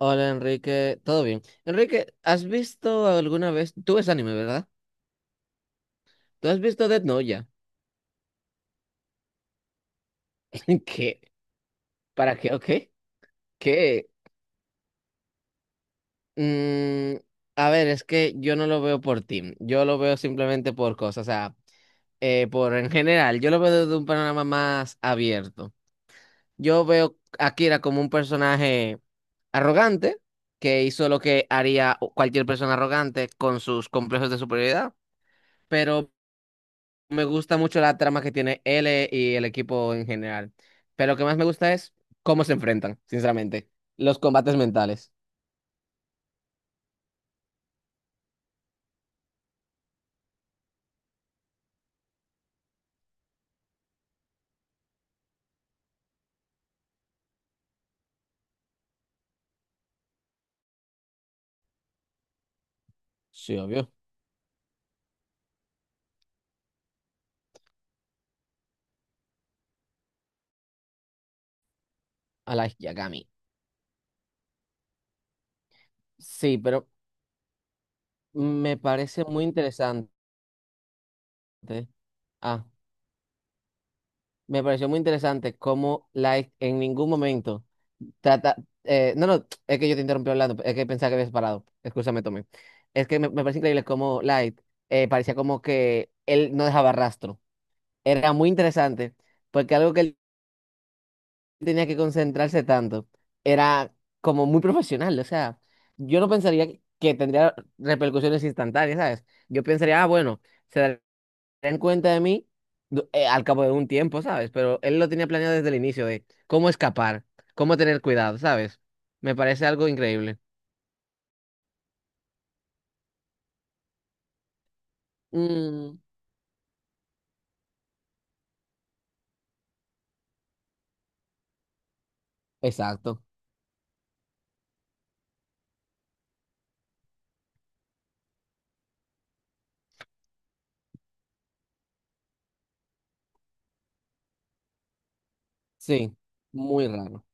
Hola Enrique, ¿todo bien? Enrique, ¿has visto alguna vez? Tú ves anime, ¿verdad? ¿Tú has visto Death Note ya? ¿Qué? ¿Para qué? ¿O qué? ¿Qué? Mm, a ver, es que yo no lo veo por team, yo lo veo simplemente por cosas, o sea, por en general, yo lo veo desde un panorama más abierto. Yo veo a Akira como un personaje arrogante que hizo lo que haría cualquier persona arrogante con sus complejos de superioridad. Pero me gusta mucho la trama que tiene L y el equipo en general. Pero lo que más me gusta es cómo se enfrentan, sinceramente. Los combates mentales. Sí, obvio. A la Yagami. Sí, pero me parece muy interesante. Ah, me pareció muy interesante cómo Light en ningún momento trata. No, es que yo te interrumpí hablando, es que pensaba que habías parado. Excúsame, Tommy. Es que me parece increíble cómo Light parecía como que él no dejaba rastro. Era muy interesante, porque algo que él tenía que concentrarse tanto. Era como muy profesional, o sea, yo no pensaría que tendría repercusiones instantáneas, ¿sabes? Yo pensaría, ah, bueno, se darán cuenta de mí al cabo de un tiempo, ¿sabes? Pero él lo tenía planeado desde el inicio de cómo escapar, cómo tener cuidado, ¿sabes? Me parece algo increíble. Mm, exacto, sí, muy raro.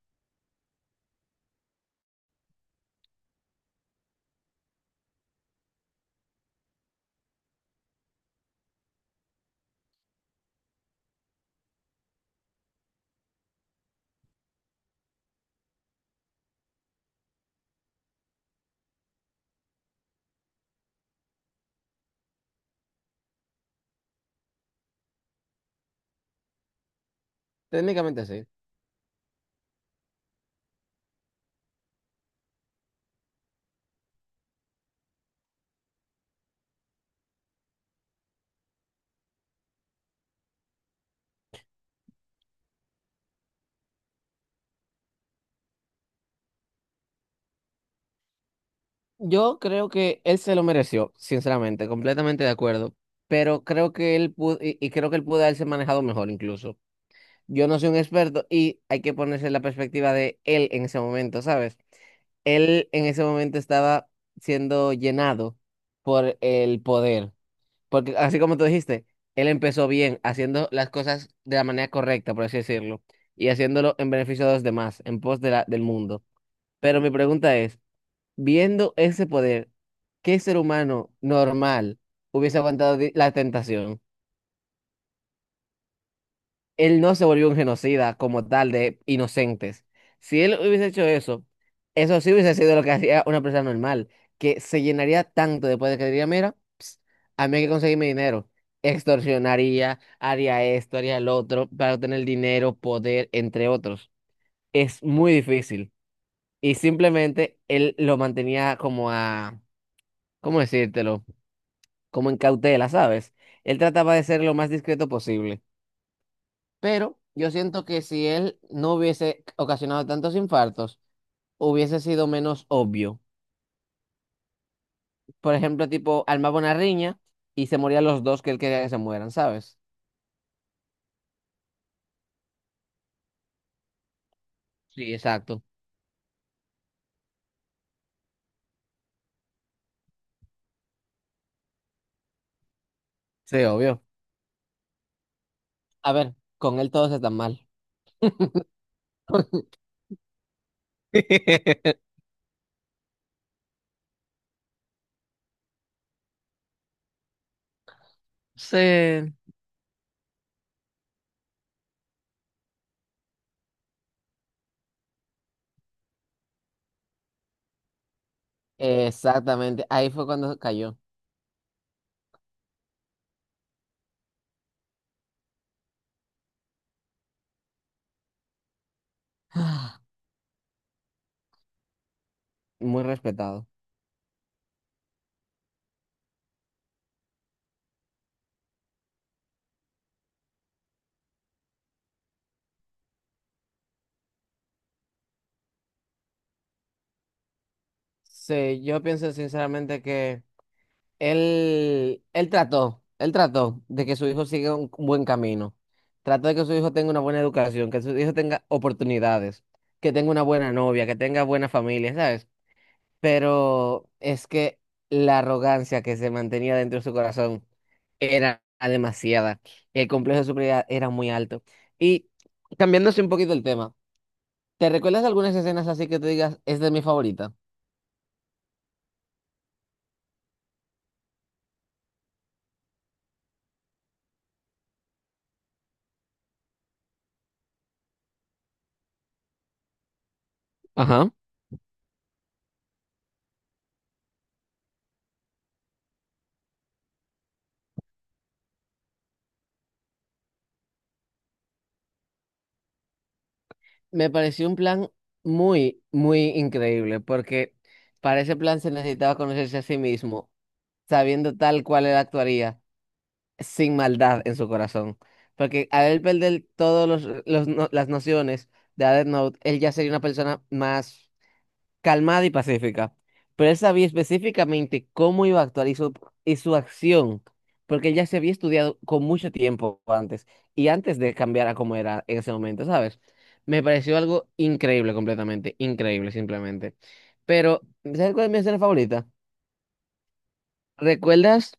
Técnicamente sí. Yo creo que él se lo mereció, sinceramente, completamente de acuerdo. Pero creo que él pudo, y creo que él pudo haberse manejado mejor incluso. Yo no soy un experto y hay que ponerse en la perspectiva de él en ese momento, ¿sabes? Él en ese momento estaba siendo llenado por el poder. Porque así como tú dijiste, él empezó bien, haciendo las cosas de la manera correcta, por así decirlo, y haciéndolo en beneficio de los demás, en pos de del mundo. Pero mi pregunta es. Viendo ese poder, ¿qué ser humano normal hubiese aguantado la tentación? Él no se volvió un genocida como tal de inocentes. Si él hubiese hecho eso, eso sí hubiese sido lo que hacía una persona normal, que se llenaría tanto después de poder que diría, mira, ps, a mí hay que conseguirme dinero. Extorsionaría, haría esto, haría lo otro, para obtener dinero, poder, entre otros. Es muy difícil. Y simplemente él lo mantenía como a, ¿cómo decírtelo? Como en cautela, ¿sabes? Él trataba de ser lo más discreto posible, pero yo siento que si él no hubiese ocasionado tantos infartos, hubiese sido menos obvio. Por ejemplo, tipo, armaba una riña y se morían los dos que él quería que se mueran, ¿sabes? Sí, exacto. Sí, obvio. A ver, con él todos están mal. Sí. Exactamente, ahí fue cuando cayó. Muy respetado. Sí, yo pienso sinceramente que... Él trató, él trató de que su hijo siga un buen camino. Trató de que su hijo tenga una buena educación, que su hijo tenga oportunidades, que tenga una buena novia, que tenga buena familia, ¿sabes? Pero es que la arrogancia que se mantenía dentro de su corazón era demasiada. El complejo de superioridad era muy alto. Y cambiándose un poquito el tema, ¿te recuerdas de algunas escenas así que te digas, es de mi favorita? Me pareció un plan muy, muy increíble, porque para ese plan se necesitaba conocerse a sí mismo, sabiendo tal cual él actuaría, sin maldad en su corazón. Porque al él perder todas los no- las nociones de Death Note, él ya sería una persona más calmada y pacífica, pero él sabía específicamente cómo iba a actuar y y su acción, porque él ya se había estudiado con mucho tiempo antes y antes de cambiar a cómo era en ese momento, ¿sabes? Me pareció algo increíble completamente, increíble simplemente. Pero, ¿sabes cuál es mi escena favorita? ¿Recuerdas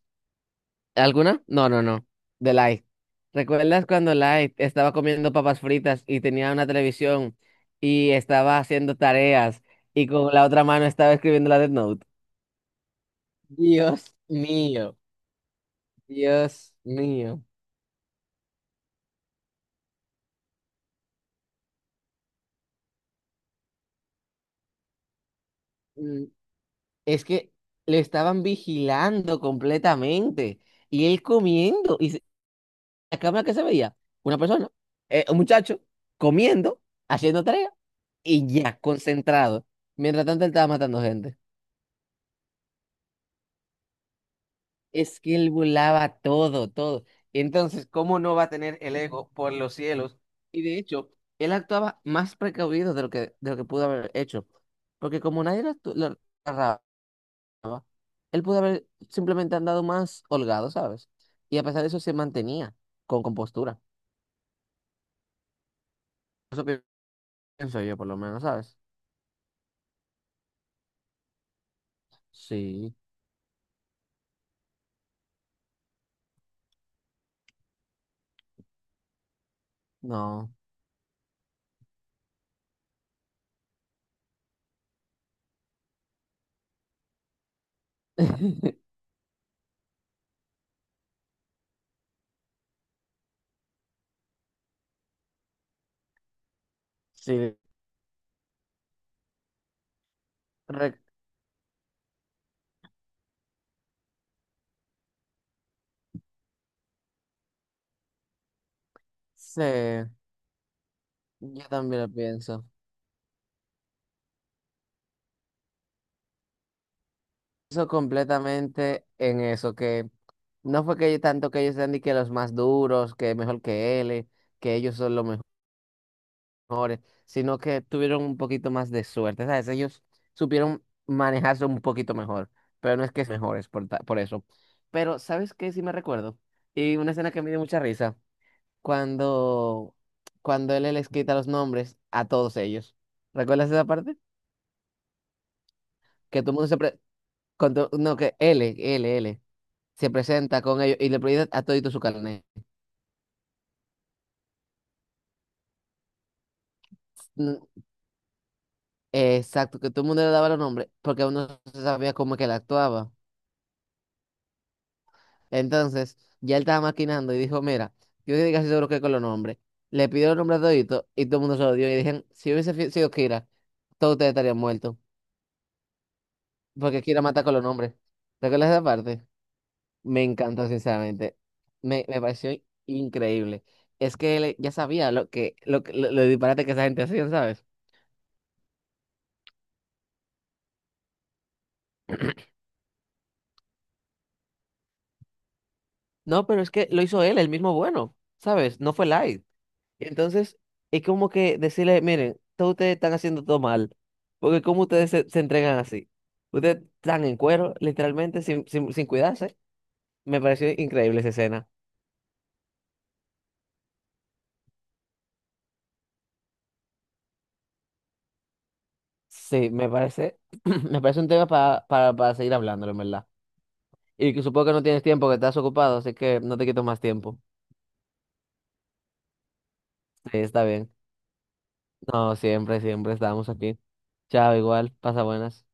alguna? No, no, no, de Light. ¿Recuerdas cuando Light estaba comiendo papas fritas y tenía una televisión y estaba haciendo tareas y con la otra mano estaba escribiendo la Death Note? Dios mío, Dios mío. Mm, es que le estaban vigilando completamente y él comiendo. ¿Y la cámara que se veía? Una persona, un muchacho, comiendo, haciendo tarea y ya, concentrado. Mientras tanto, él estaba matando gente. Es que él volaba todo, todo. Entonces, ¿cómo no va a tener el ego por los cielos? Y de hecho, él actuaba más precavido de lo que pudo haber hecho. Porque como nadie lo agarraba, funcionaba, él pudo haber simplemente andado más holgado, ¿sabes? Y a pesar de eso se mantenía con compostura. Eso pi- Pienso yo, por lo menos, ¿sabes? Sí, no. Sí, re- sí, yo también lo pienso. Eso completamente en eso, que no fue que tanto que ellos sean ni que los más duros, que mejor que él, que ellos son los mejores. Mejores, sino que tuvieron un poquito más de suerte, ¿sabes? Ellos supieron manejarse un poquito mejor, pero no es que es mejores por, por eso. Pero, ¿sabes qué? Sí me recuerdo. Y una escena que me dio mucha risa, cuando, cuando él les quita los nombres a todos ellos. ¿Recuerdas esa parte? Que todo el mundo se pre- con to- no, que L se presenta con ellos y le pide a todito su carnet. Mm, exacto, que todo el mundo le daba los nombres porque uno no se sabía cómo que él actuaba. Entonces, ya él estaba maquinando y dijo, mira, yo estoy casi seguro que con los nombres. Le pidió los nombres a todito y todo el mundo se lo dio. Y dijeron, si hubiese sido Kira, todos ustedes estarían muertos. Porque Kira mata con los nombres. ¿Recuerdas esa parte? Me encantó, sinceramente. Me pareció increíble. Es que él ya sabía lo disparate que esa gente hacía, ¿sabes? No, pero es que lo hizo él, el mismo bueno, ¿sabes? No fue Light. Entonces, es como que decirle, miren, todos ustedes están haciendo todo mal, porque como ustedes se entregan así? Ustedes están en cuero, literalmente, sin cuidarse. Me pareció increíble esa escena. Sí, me parece, me parece un tema para, para seguir hablándolo, en verdad. Y que supongo que no tienes tiempo, que estás ocupado, así que no te quito más tiempo. Sí, está bien. No, siempre, siempre estamos aquí. Chao, igual, pasa buenas.